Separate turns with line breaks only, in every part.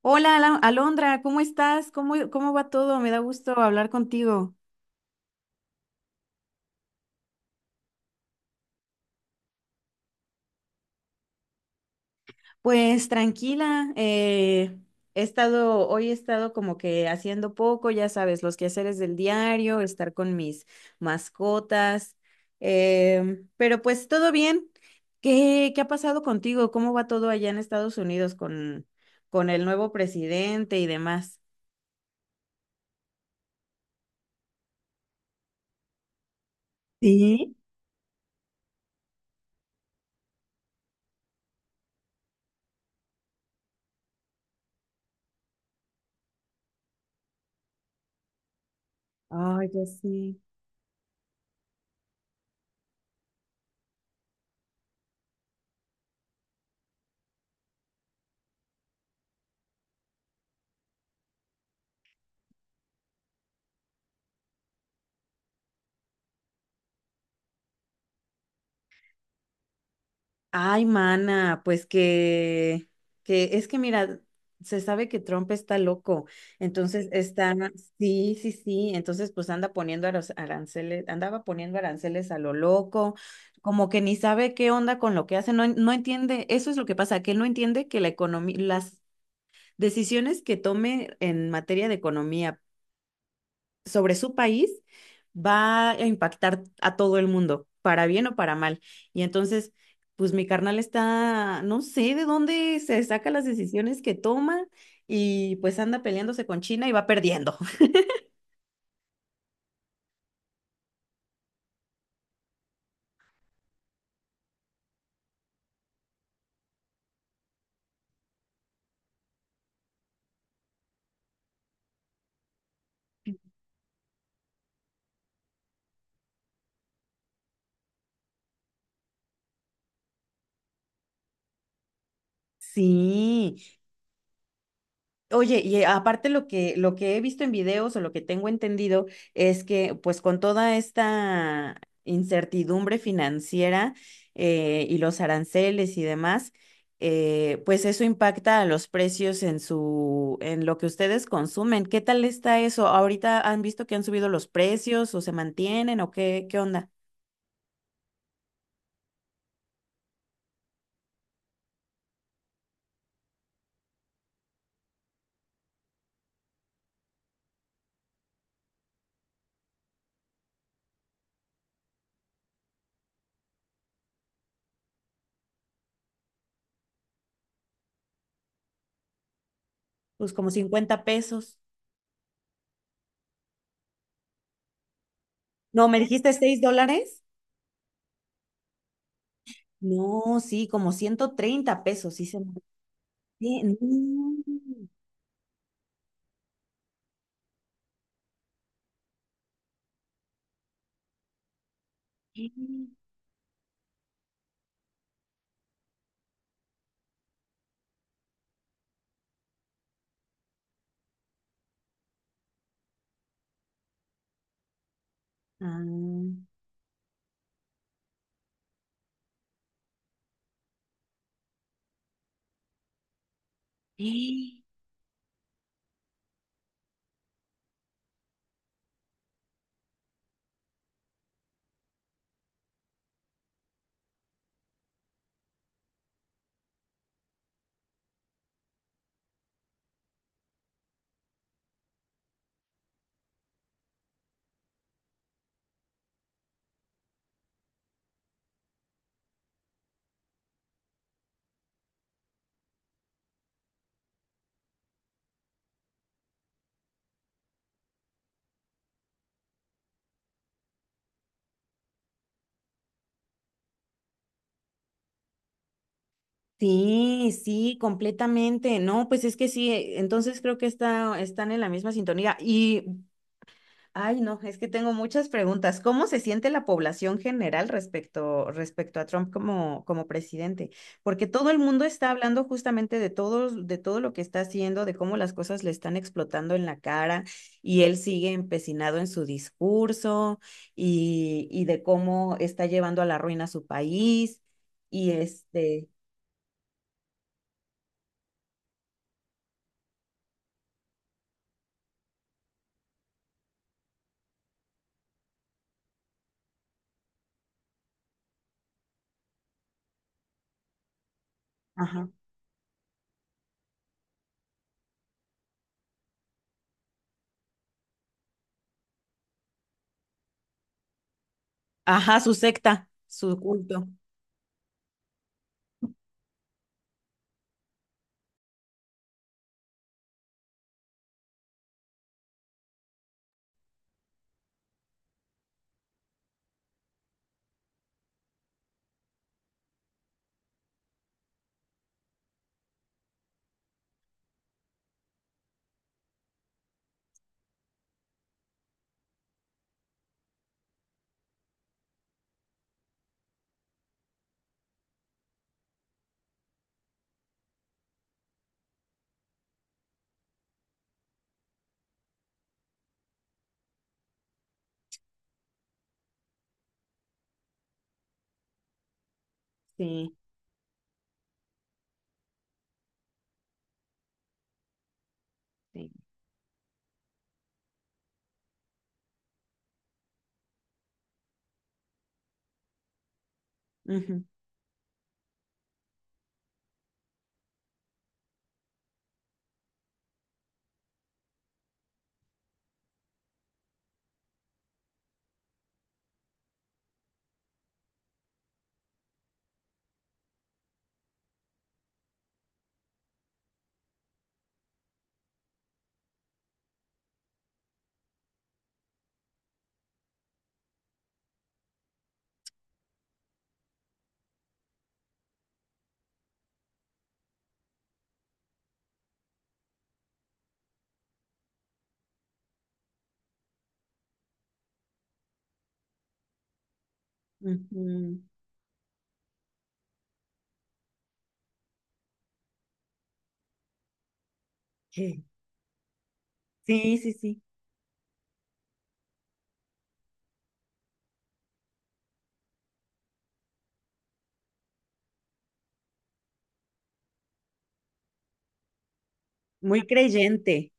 Hola, Alondra, ¿cómo estás? ¿Cómo va todo? Me da gusto hablar contigo. Pues tranquila, hoy he estado como que haciendo poco, ya sabes, los quehaceres del diario, estar con mis mascotas, pero pues todo bien. ¿Qué ha pasado contigo? ¿Cómo va todo allá en Estados Unidos con el nuevo presidente y demás? Sí. Ay, ya sé. Ay, mana, que es que mira, se sabe que Trump está loco, entonces está, sí, entonces pues anda poniendo aranceles, andaba poniendo aranceles a lo loco, como que ni sabe qué onda con lo que hace, no, no entiende, eso es lo que pasa, que él no entiende que las decisiones que tome en materia de economía sobre su país va a impactar a todo el mundo, para bien o para mal. Y entonces, pues mi carnal está, no sé de dónde se saca las decisiones que toma y pues anda peleándose con China y va perdiendo. Sí. Oye, y aparte lo que he visto en videos o lo que tengo entendido es que pues con toda esta incertidumbre financiera y los aranceles y demás, pues eso impacta a los precios en en lo que ustedes consumen. ¿Qué tal está eso? ¿Ahorita han visto que han subido los precios o se mantienen o qué onda? Pues como 50 pesos. No, ¿me dijiste $6? No, sí, como 130 pesos, sí se mantiene. No. Mm. Ah, sí, sí, completamente. No, pues es que sí, entonces creo que está, están en la misma sintonía. Y ay, no, es que tengo muchas preguntas. ¿Cómo se siente la población general respecto a Trump como presidente? Porque todo el mundo está hablando justamente de todo lo que está haciendo, de cómo las cosas le están explotando en la cara y él sigue empecinado en su discurso y de cómo está llevando a la ruina a su país y ajá, ajá, su secta, su culto. Sí, sí. Ujú, ujú. Sí, sí, sí. Muy creyente,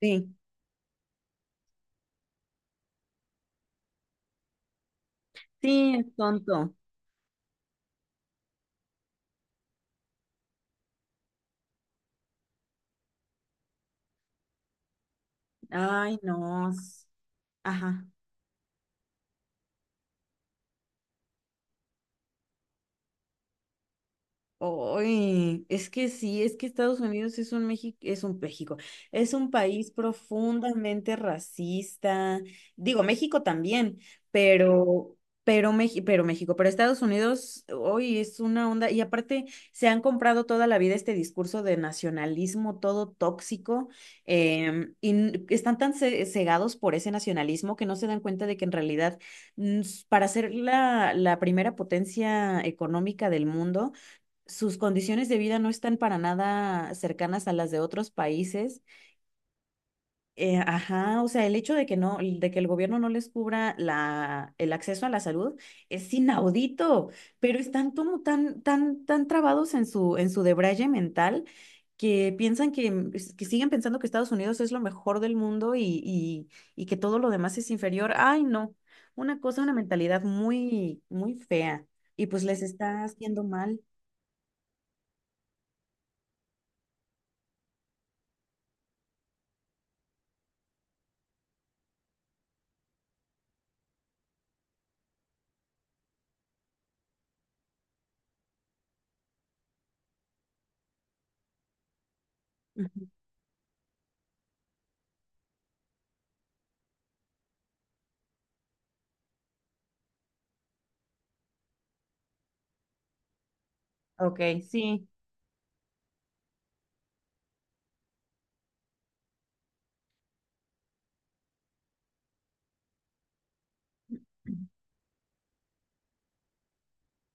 sí. Sí, es tonto. Ay, no. Ajá. Oy, es que sí, es que Estados Unidos es un México, es un México, es un país profundamente racista. Digo, México también, pero, pero México, pero Estados Unidos, hoy es una onda. Y aparte, se han comprado toda la vida este discurso de nacionalismo todo tóxico, están tan cegados por ese nacionalismo que no se dan cuenta de que en realidad, para ser la primera potencia económica del mundo, sus condiciones de vida no están para nada cercanas a las de otros países. Ajá, o sea, el hecho de que no, de que el gobierno no les cubra el acceso a la salud es inaudito, pero están como tan trabados en en su debraye mental que piensan que siguen pensando que Estados Unidos es lo mejor del mundo y que todo lo demás es inferior. Ay, no, una cosa, una mentalidad muy, muy fea y pues les está haciendo mal. Ujú. Ok, sí.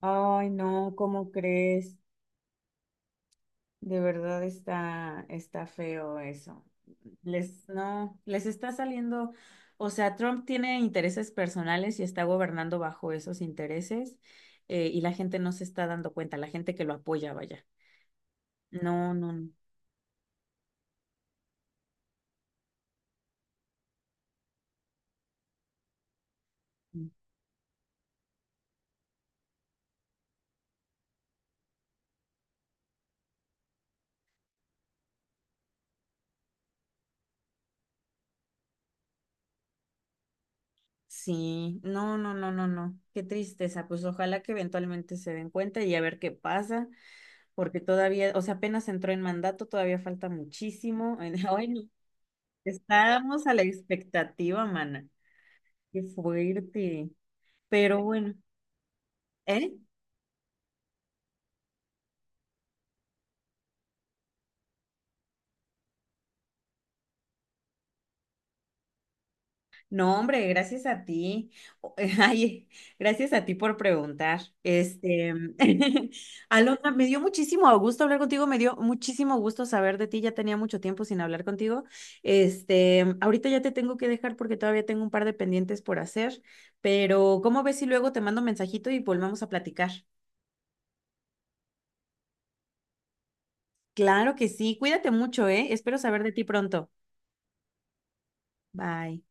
Ay, no, ¿cómo crees? De verdad está, está feo eso. Les, no, les está saliendo, o sea, Trump tiene intereses personales y está gobernando bajo esos intereses, y la gente no se está dando cuenta, la gente que lo apoya, vaya. No, no, no. Sí, no. Qué tristeza. Pues ojalá que eventualmente se den cuenta y a ver qué pasa, porque todavía, o sea, apenas entró en mandato, todavía falta muchísimo. Ay, no. Estábamos a la expectativa, mana. Qué fuerte. Pero bueno, ¿eh? No, hombre, gracias a ti. O- Ay, gracias a ti por preguntar. Alondra, me dio muchísimo gusto hablar contigo, me dio muchísimo gusto saber de ti. Ya tenía mucho tiempo sin hablar contigo. Este, ahorita ya te tengo que dejar porque todavía tengo un par de pendientes por hacer, pero ¿cómo ves si luego te mando un mensajito y volvemos a platicar? Claro que sí. Cuídate mucho, ¿eh? Espero saber de ti pronto. Bye.